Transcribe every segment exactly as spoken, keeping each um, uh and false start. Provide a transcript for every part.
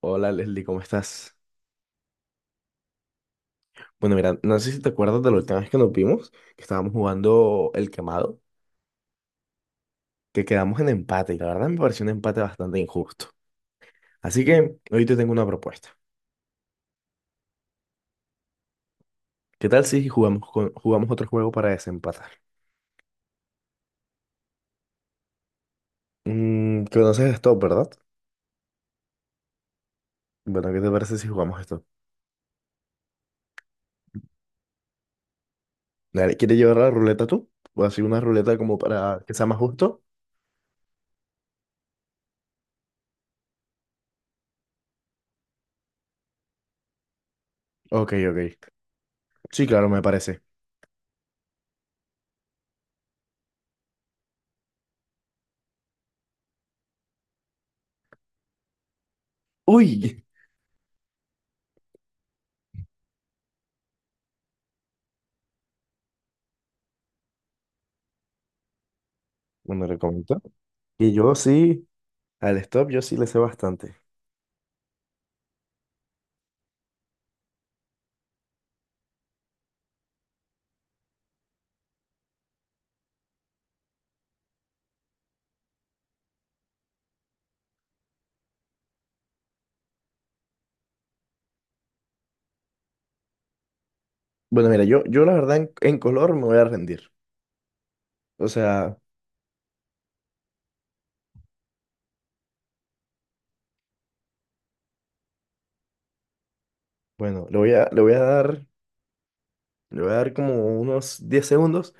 Hola Leslie, ¿cómo estás? Bueno, mira, no sé si te acuerdas de la última vez que nos vimos, que estábamos jugando el quemado, que quedamos en empate y la verdad me pareció un empate bastante injusto. Así que hoy te tengo una propuesta. ¿Qué tal si jugamos, con- jugamos otro juego para desempatar? Mm, conoces esto, ¿verdad? Bueno, ¿qué te parece si jugamos esto? Dale, ¿quieres llevar la ruleta tú? ¿O así una ruleta como para que sea más justo? Ok, ok. Sí, claro, me parece. Uy, bueno, recomiendo. Y yo sí, al stop yo sí le sé bastante. Bueno, mira, yo, yo la verdad en, en color me voy a rendir. O sea, bueno, le voy a, le voy a dar, le voy a dar como unos diez segundos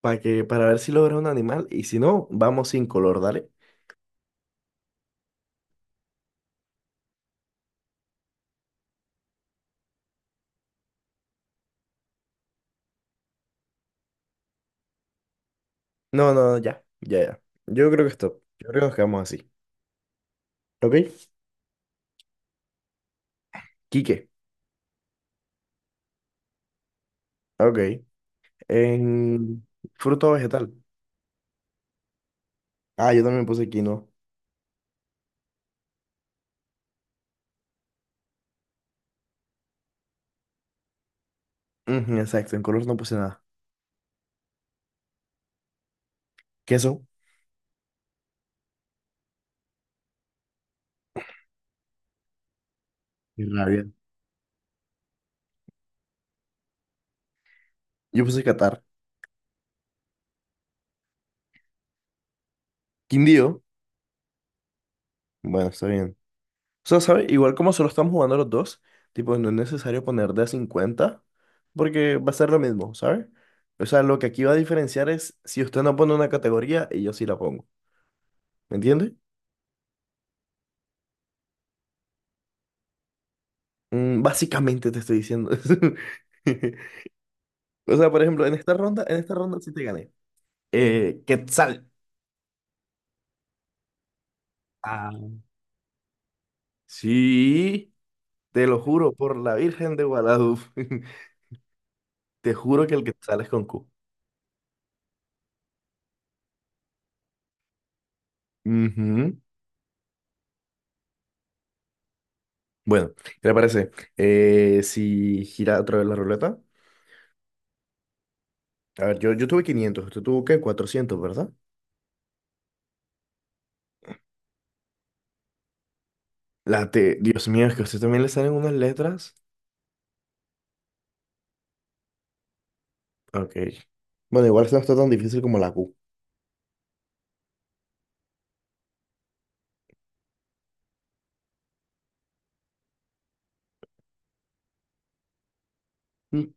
para que, para ver si logra un animal y si no, vamos sin color, dale. No, no, ya, ya, ya. Yo creo que esto, yo creo que nos quedamos así. ¿Ok? Quique, ok. En fruto o vegetal. Ah, yo también puse quinoa. Ujú, exacto, en color no puse nada. Queso. Qué rabia. Yo puse catar. Quindío. Bueno, está bien. O sea, ¿sabes? Igual como solo estamos jugando los dos, tipo, no es necesario poner de a cincuenta, porque va a ser lo mismo, ¿sabes? O sea, lo que aquí va a diferenciar es si usted no pone una categoría y yo sí la pongo. ¿Me entiendes? Mm, básicamente te estoy diciendo eso. O sea, por ejemplo, en esta ronda, en esta ronda sí te gané. Eh, Quetzal. Ah, Sí, te lo juro por la Virgen de Guadalupe. Te juro que el Quetzal es con Q. Ujú. Bueno, ¿qué te parece? Eh, si gira otra vez la ruleta. A ver, yo, yo tuve quinientos, usted tuvo qué, cuatrocientos, ¿verdad? La T, Dios mío, es que a usted también le salen unas letras. Ok. Bueno, igual esta no está tan difícil como la Q. Mm,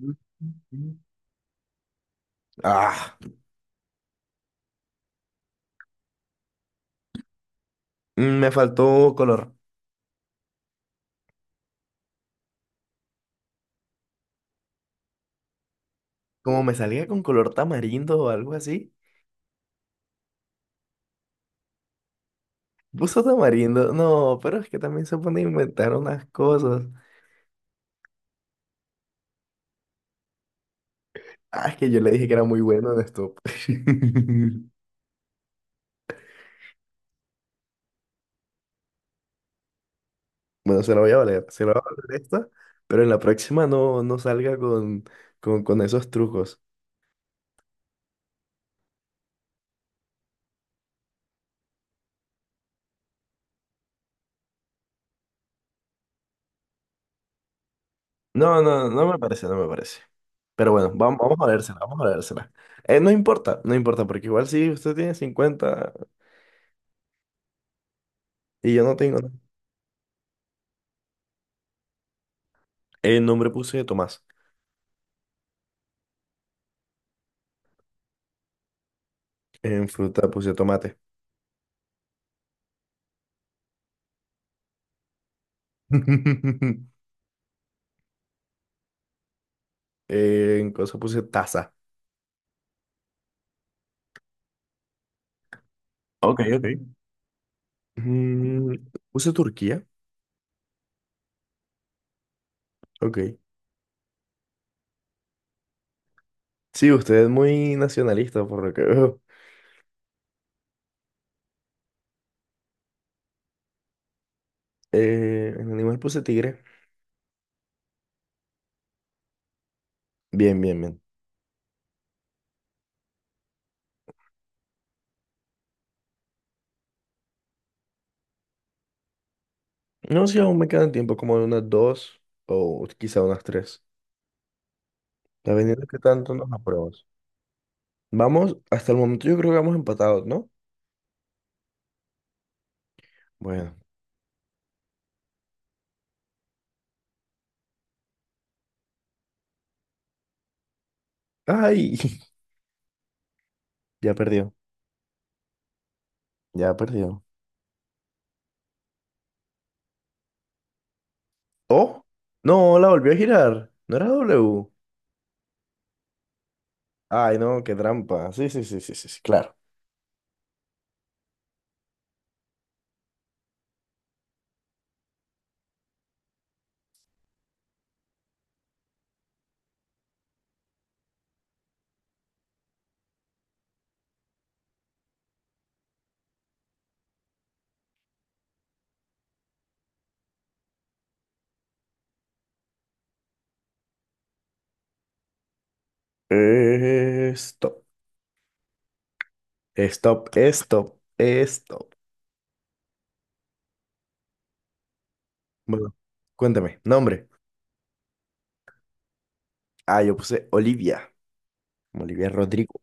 mm, mm. Ah, mm, me faltó color. Como me salía con color tamarindo o algo así. Puso tamarindo. No, pero es que también se pone a inventar unas cosas. Ah, es que yo le dije que era muy bueno en esto. Bueno, se la voy a valer, se la voy a valer esta, pero en la próxima no, no salga con, con, con esos trucos. No, no, no me parece, no me parece. Pero bueno, vamos, vamos a vérsela, vamos a vérsela. Eh, no importa, no importa, porque igual si usted tiene cincuenta y yo no tengo nada. En nombre puse Tomás, en fruta puse tomate, en cosa puse taza. Ok, ok. Mm, puse Turquía. Ok. Sí, usted es muy nacionalista por lo que veo. Eh, en animal puse tigre. Bien, bien, bien. No, si aún me quedan tiempo como de unas dos o quizá unas tres. Ya vendiendo qué tanto nos apruebas. Vamos, hasta el momento yo creo que vamos empatados, ¿no? Bueno. Ay, ya perdió, ya perdió. Oh, no, la volvió a girar. No era W. Ay, no, qué trampa. Sí, sí, sí, sí, sí, sí, claro. Eh, Stop, stop, stop, stop. Bueno, cuéntame, nombre. Ah, yo puse Olivia, Olivia Rodrigo.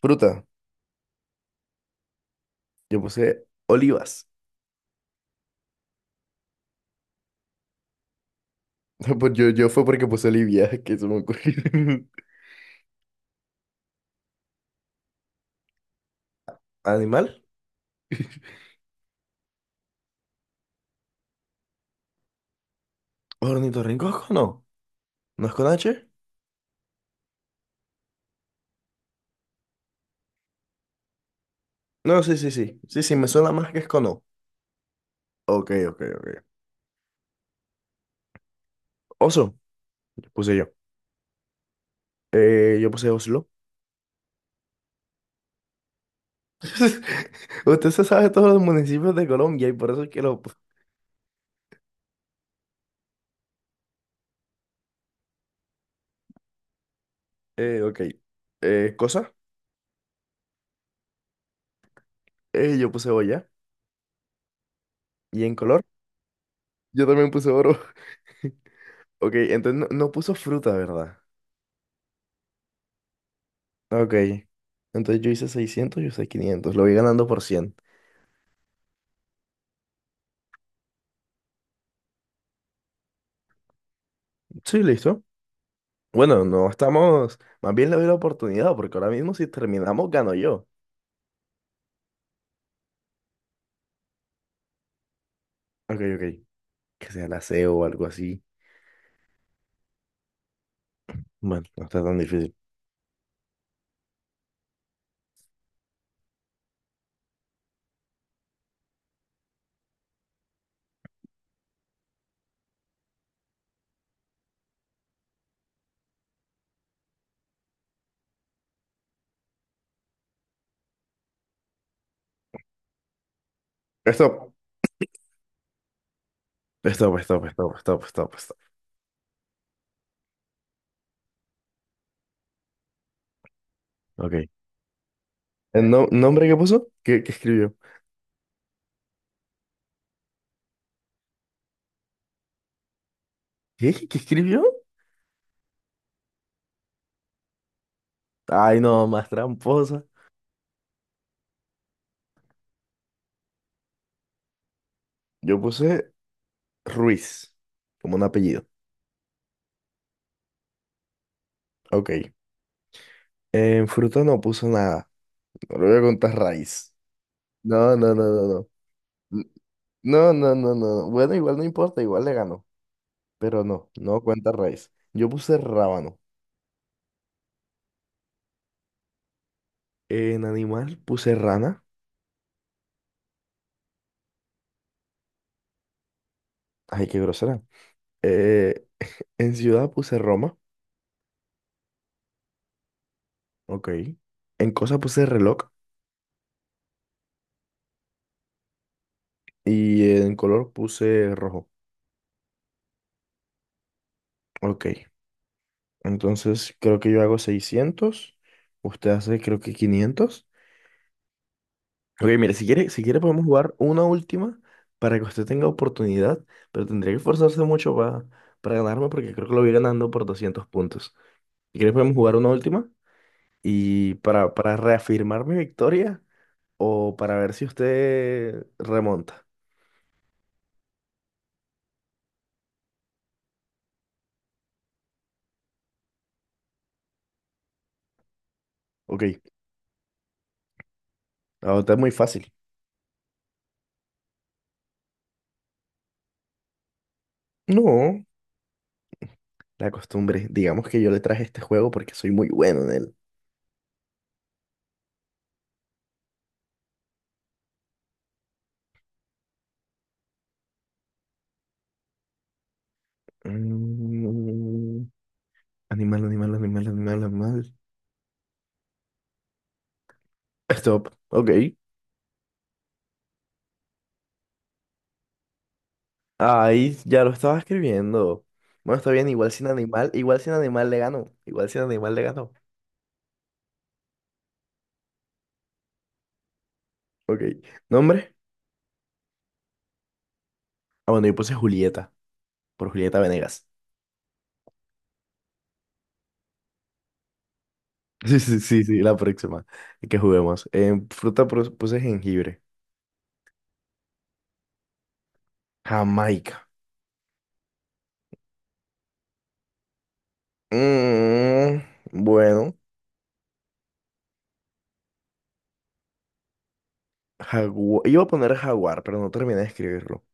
Fruta, yo puse olivas. Pues yo, yo fue porque puse Olivia, que se me ocurrió. ¿Animal? ¿Ornitorrinco es con O? ¿No es con H? No, sí, sí, sí. Sí, sí, me suena más que es con O. Ok, ok, ok. Oso, puse yo. Eh, yo puse Oslo. Usted se sabe todos los municipios de Colombia y por eso es que lo... pu- Eh, ok. Eh, cosa, eh, yo puse olla. ¿Y en color? Yo también puse oro. Ok, entonces no, no puso fruta, ¿verdad? Ok. Entonces yo hice seiscientos, yo hice quinientos. Lo voy ganando por cien. Sí, listo. Bueno, no estamos, más bien le doy la oportunidad, porque ahora mismo si terminamos, gano yo. Ok, ok. Que sea la SEO o algo así. Bueno, no está tan difícil. Stop, stop, stop, stop, stop, stop, stop. Ok. ¿El no- nombre que puso? ¿Qué, qué escribió? ¿Qué? ¿Qué escribió? Ay, no, más tramposa. Yo puse Ruiz, como un apellido. Ok. En fruta no puso nada. No le voy a contar raíz. No, no, no, no, no. N- No, no, no, no. No. Bueno, igual no importa, igual le ganó. Pero no, no cuenta raíz. Yo puse rábano. En animal puse rana. Ay, qué grosera. Eh, en ciudad puse Roma. Ok. En cosa puse reloj. Y en color puse rojo. Ok. Entonces creo que yo hago seiscientos, usted hace creo que quinientos. Ok, mire, si quiere, si quiere podemos jugar una última para que usted tenga oportunidad. Pero tendría que esforzarse mucho para, para ganarme porque creo que lo voy ganando por doscientos puntos. Si quiere podemos jugar una última. Y para, para reafirmar mi victoria o para ver si usted remonta. Ok, ahorita es muy fácil. No, la costumbre. Digamos que yo le traje este juego porque soy muy bueno en él. Mm, Animal, animal, animal, animal, animal. Stop. Ok. Ahí ya lo estaba escribiendo. Bueno, está bien, igual sin animal, igual sin animal le ganó. Igual sin animal le ganó. Ok. ¿Nombre? Ah, bueno, yo puse Julieta, por Julieta Venegas. Sí, sí, sí, sí, la próxima que juguemos. En fruta pus- puse jengibre. Jamaica. Mm, bueno, jaguar. Iba a poner jaguar, pero no terminé de escribirlo.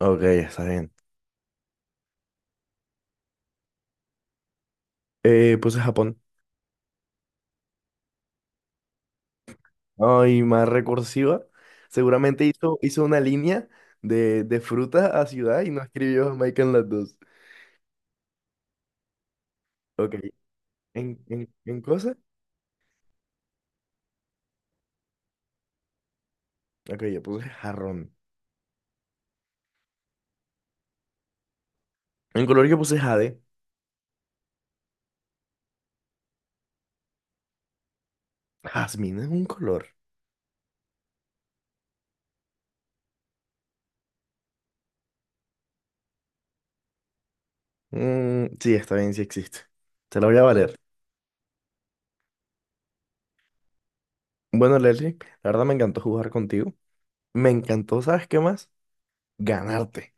Ok, está bien. Eh, puse Japón. Ay, más recursiva. Seguramente hizo, hizo una línea de, de fruta a ciudad y no escribió Jamaica en las dos. Ok, en, en, en cosa. Ok, yo puse jarrón. En color yo puse jade. Jazmín es un color. Mm, sí, está bien, sí existe. Te la voy a valer. Bueno, Leslie, la verdad me encantó jugar contigo. Me encantó, ¿sabes qué más? Ganarte.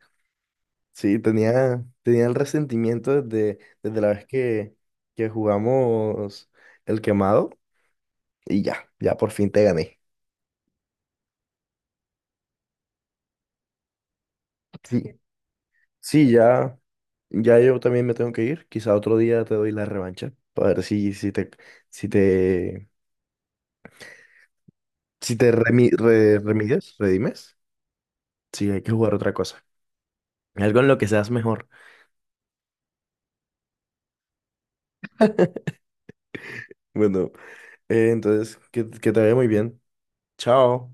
Sí, tenía, tenía el resentimiento desde, desde la vez que, que jugamos el quemado y ya, ya por fin te gané. Sí, sí, ya, ya yo también me tengo que ir. Quizá otro día te doy la revancha para ver si, si te, si te, si te remi- re- remides, redimes. Sí, hay que jugar otra cosa. Algo en lo que seas mejor. Bueno, eh, entonces, que, que te vaya muy bien. Chao.